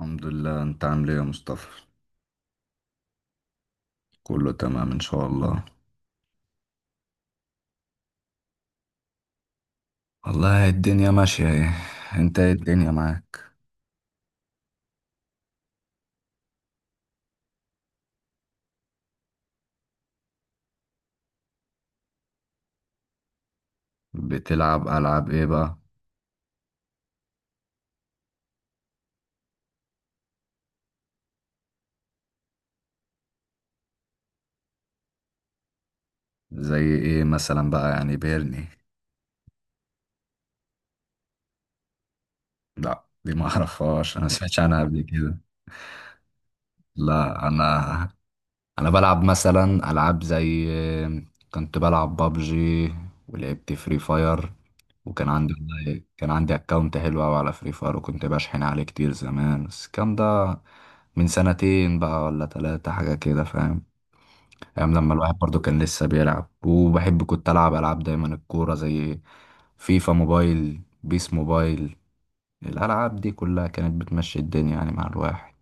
الحمد لله، انت عامل ايه يا مصطفى؟ كله تمام ان شاء الله. والله الدنيا ماشية، ايه انت؟ ايه الدنيا معاك؟ بتلعب العاب ايه بقى؟ زي ايه مثلا بقى، يعني بيرني؟ لا، دي ما اعرفهاش. انا ما سمعتش عنها قبل كده. لا، انا بلعب مثلا العاب زي، كنت بلعب بابجي، ولعبت فري فاير. وكان عندي، والله كان عندي اكونت حلو قوي على فري فاير، وكنت بشحن عليه كتير زمان، بس الكلام ده من سنتين بقى ولا ثلاثة حاجة كده، فاهم. ايام لما الواحد برضو كان لسه بيلعب وبحب، كنت العب العاب دايما الكورة، زي فيفا موبايل، بيس موبايل. الالعاب دي كلها كانت بتمشي الدنيا يعني مع الواحد.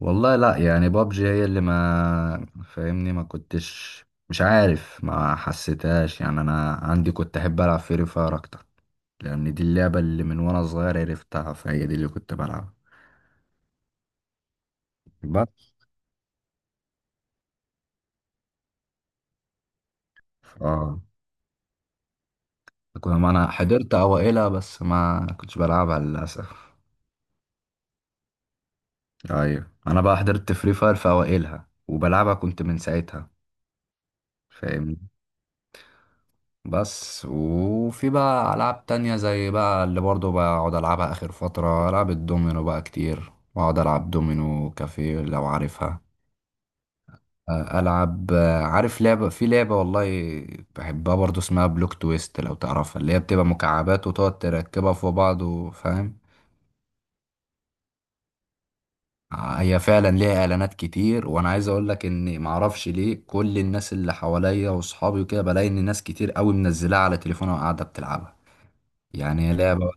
والله لا، يعني بابجي هي اللي ما فاهمني، ما كنتش مش عارف، ما حسيتهاش يعني. انا عندي كنت احب العب فري فاير اكتر، لان دي اللعبه اللي من وانا صغير عرفتها، فهي دي اللي كنت بلعبها. بس اه كنت، ما انا حضرت اوائلها بس ما كنتش بلعبها للاسف. ايوه، انا بقى حضرت فري فاير في اوائلها، وبلعبها كنت من ساعتها، فاهمني. بس وفي بقى ألعاب تانية زي بقى اللي برضه بقعد ألعبها آخر فترة، ألعاب الدومينو بقى كتير، بقعد ألعب دومينو كافيه لو عارفها. آه، ألعب. عارف لعبة، في لعبة والله بحبها برضه، اسمها بلوك تويست لو تعرفها، اللي هي بتبقى مكعبات وتقعد تركبها في بعض، وفاهم. آه، هي فعلا ليها إعلانات كتير، وأنا عايز أقولك إن معرفش ليه كل الناس اللي حواليا وصحابي وكده بلاقي إن ناس كتير أوي منزلاها على تليفونها وقاعدة بتلعبها. يعني هي لعبة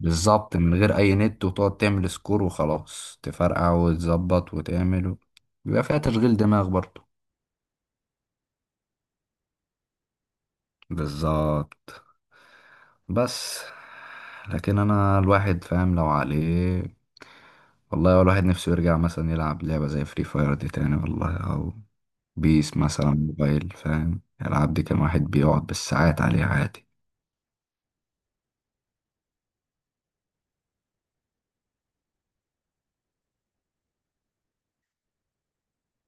بالظبط من غير اي نت، وتقعد تعمل سكور وخلاص تفرقع وتظبط وتعمل بيبقى فيها تشغيل دماغ برضه. بالظبط. بس لكن انا الواحد فاهم لو عليه، والله هو الواحد نفسه يرجع مثلا يلعب لعبة زي فري فاير دي تاني والله، او بيس مثلا موبايل، فاهم الالعاب دي، كان واحد بيقعد بالساعات عليها عادي.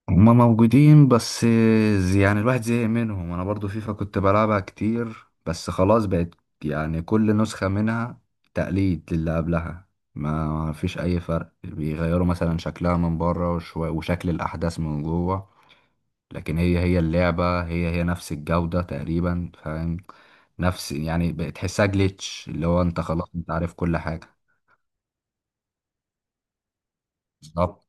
هما موجودين، بس يعني الواحد زهق منهم. انا برضو فيفا كنت بلعبها كتير، بس خلاص بقت يعني كل نسخة منها تقليد للي قبلها، ما فيش اي فرق، بيغيروا مثلا شكلها من بره وشكل الاحداث من جوه، لكن هي هي اللعبة، هي هي نفس الجودة تقريبا، فاهم، نفس يعني بتحسها جليتش، اللي هو انت خلاص انت عارف كل حاجة. بالظبط.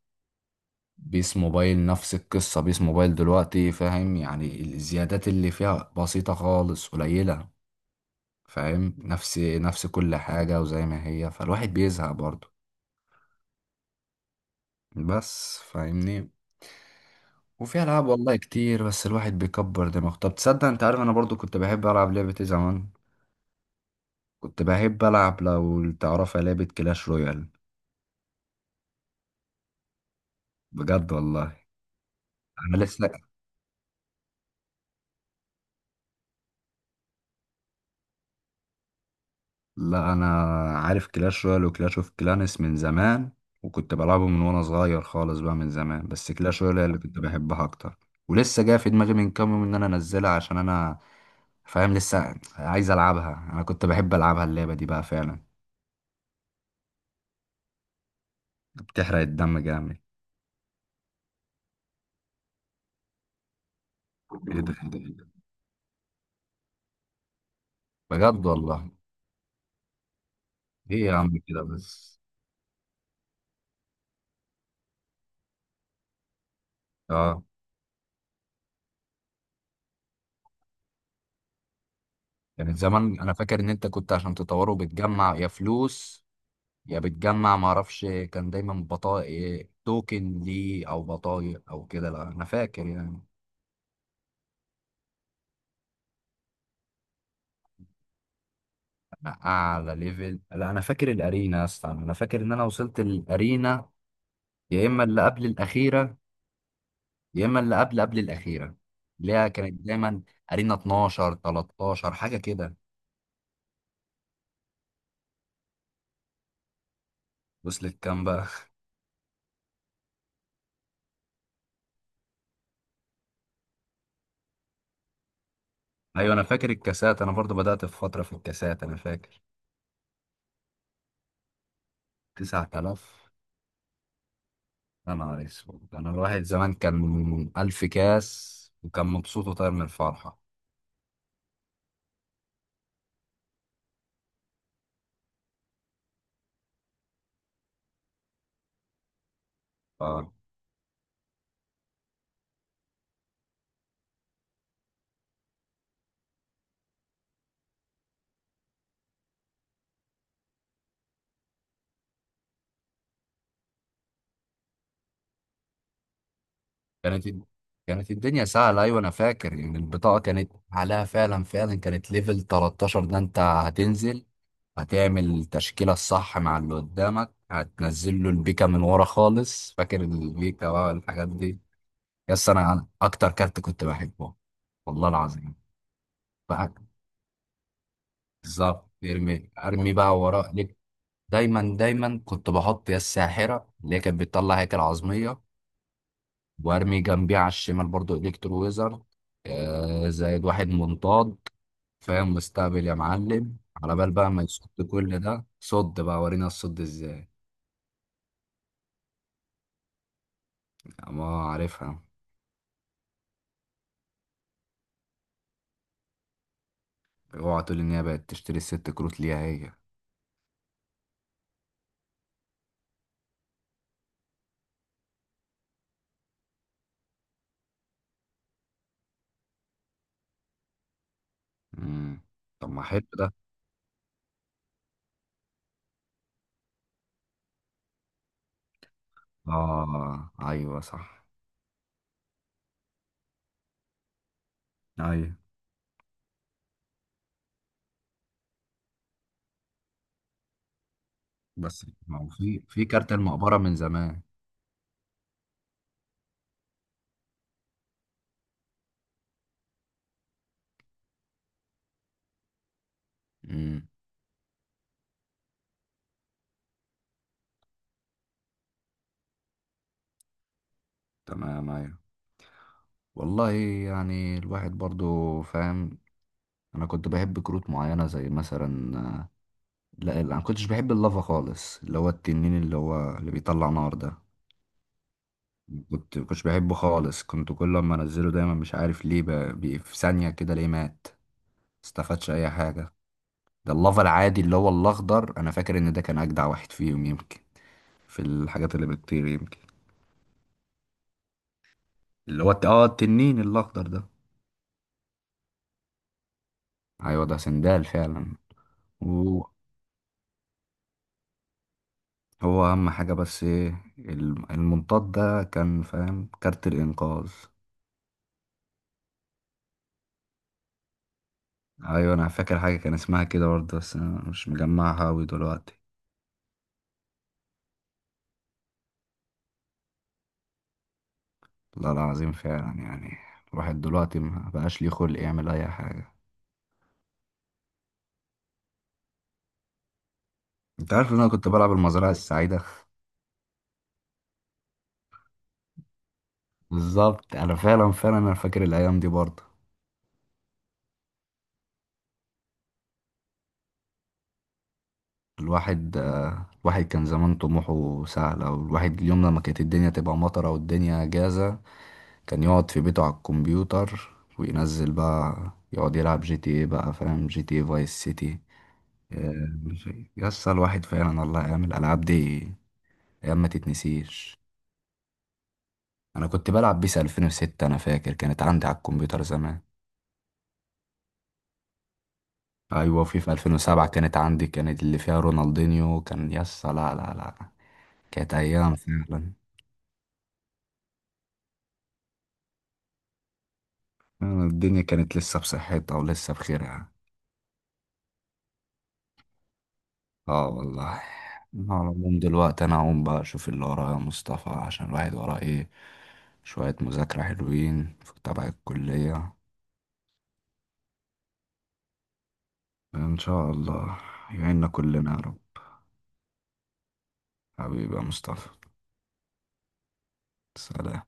بيس موبايل نفس القصة. بيس موبايل دلوقتي فاهم يعني الزيادات اللي فيها بسيطة خالص، قليلة، فاهم، نفس نفس كل حاجة وزي ما هي، فالواحد بيزهق برضه، بس فاهمني. وفي ألعاب والله كتير، بس الواحد بيكبر دماغه. طب تصدق، انت عارف انا برضو كنت بحب ألعب لعبة ايه زمان، كنت بحب ألعب لو تعرفها لعبة كلاش رويال. بجد والله. انا لسه لا، انا عارف كلاش رويال وكلاش اوف كلانس من زمان، وكنت بلعبه من وانا صغير خالص بقى من زمان، بس كلاش رويال هي اللي كنت بحبها اكتر، ولسه جايه في دماغي من كام يوم ان انا انزلها، عشان انا فاهم لسه عايز العبها، انا كنت بحب العبها اللعبه دي بقى فعلا. بتحرق الدم جامد. ايه ده، ايه ده، إيه ده؟ بجد والله. ايه يا عم كده بس. اه، يعني زمان انا فاكر ان انت كنت عشان تطوره بتجمع يا فلوس، يا بتجمع معرفش، كان دايما بطايق توكن ليه او بطايق او كده، لا انا فاكر يعني. أنا اعلى ليفل، لا انا فاكر الارينا، يا اسطى انا فاكر ان انا وصلت الارينا، يا اما اللي قبل الاخيره، يا اما اللي قبل قبل الاخيره، اللي هي كانت دايما ارينا 12 13 حاجه كده. وصلت كام بقى؟ ايوه، انا فاكر الكاسات، انا برضو بدات في فتره في الكاسات انا فاكر. 9000. يا نهار اسود، انا الواحد زمان كان 1000 كاس وكان مبسوط وطاير من الفرحه. اه، كانت كانت الدنيا سهلة. أيوة، أنا فاكر إن البطاقة كانت عليها فعلا فعلا، كانت ليفل 13، ده أنت هتنزل، هتعمل التشكيلة الصح مع اللي قدامك، هتنزل له البيكا من ورا خالص، فاكر البيكا بقى والحاجات دي. يس، أنا أكتر كارت كنت بحبه. والله العظيم. بقى بالظبط، ارمي ارمي بقى، ورا ليه؟ دايما دايما كنت بحط يا الساحرة اللي هي كانت بتطلع هيكل عظمية، وارمي جنبيه على الشمال برضو الكترو ويزر، آه زائد واحد منطاد، فاهم، واستقبل يا معلم، على بال بقى ما يصد كل ده. صد بقى، ورينا الصد ازاي. ما عارفها. اوعى تقول ان هي بقت تشتري الست كروت ليها هي. مم. طب ما حلو ده. اه، ايوه صح. ايوه، بس ما هو في في كارت المقبره من زمان. امم. تمام، ايوه، والله يعني الواحد برضو فاهم. انا كنت بحب كروت معينه زي مثلا، لا لا، انا كنتش بحب اللافا خالص، اللي هو التنين اللي هو اللي بيطلع نار ده، كنتش بحبه خالص، كنت كل ما انزله دايما مش عارف ليه، في ثانية كده ليه مات، استفادش اي حاجة. ده اللافا العادي اللي هو الاخضر، انا فاكر ان ده كان اجدع واحد فيهم، يمكن في الحاجات اللي بتطير يمكن، اللي هو التنين الاخضر ده. ايوه ده سندال فعلا. وهو اهم حاجة، بس ايه المنطاد ده كان فاهم كارت الانقاذ. ايوه انا فاكر حاجه كان اسمها كده برضه، بس انا مش مجمعها اوي دلوقتي. والله العظيم فعلا، يعني الواحد دلوقتي ما بقاش ليه خلق يعمل اي حاجه. انت عارف ان انا كنت بلعب المزرعه السعيده. بالظبط، انا فعلا فعلا انا فاكر الايام دي برضه. الواحد كان زمان طموحه سهل، او الواحد اليوم لما كانت الدنيا تبقى مطره والدنيا جازه، كان يقعد في بيته على الكمبيوتر وينزل بقى يقعد يلعب جي تي ايه بقى، فاهم، جي تي ايه فايس سيتي. آه، يسطا الواحد فعلا والله ايام الالعاب دي، ايام ما تتنسيش. انا كنت بلعب بيس 2006، انا فاكر كانت عندي على الكمبيوتر زمان. ايوه، في 2007 كانت عندي، كانت اللي فيها رونالدينيو كان يسطا. لا لا لا. كانت ايام فعلا. فعلا الدنيا كانت لسه بصحتها ولسه بخيرها. اه والله. أنا على العموم دلوقتي انا هقوم بقى اشوف اللي ورايا يا مصطفى، عشان الواحد وراه ايه، شوية مذاكرة حلوين في تبع الكلية. إن شاء الله يعيننا كلنا يا رب. حبيبي يا مصطفى. سلام.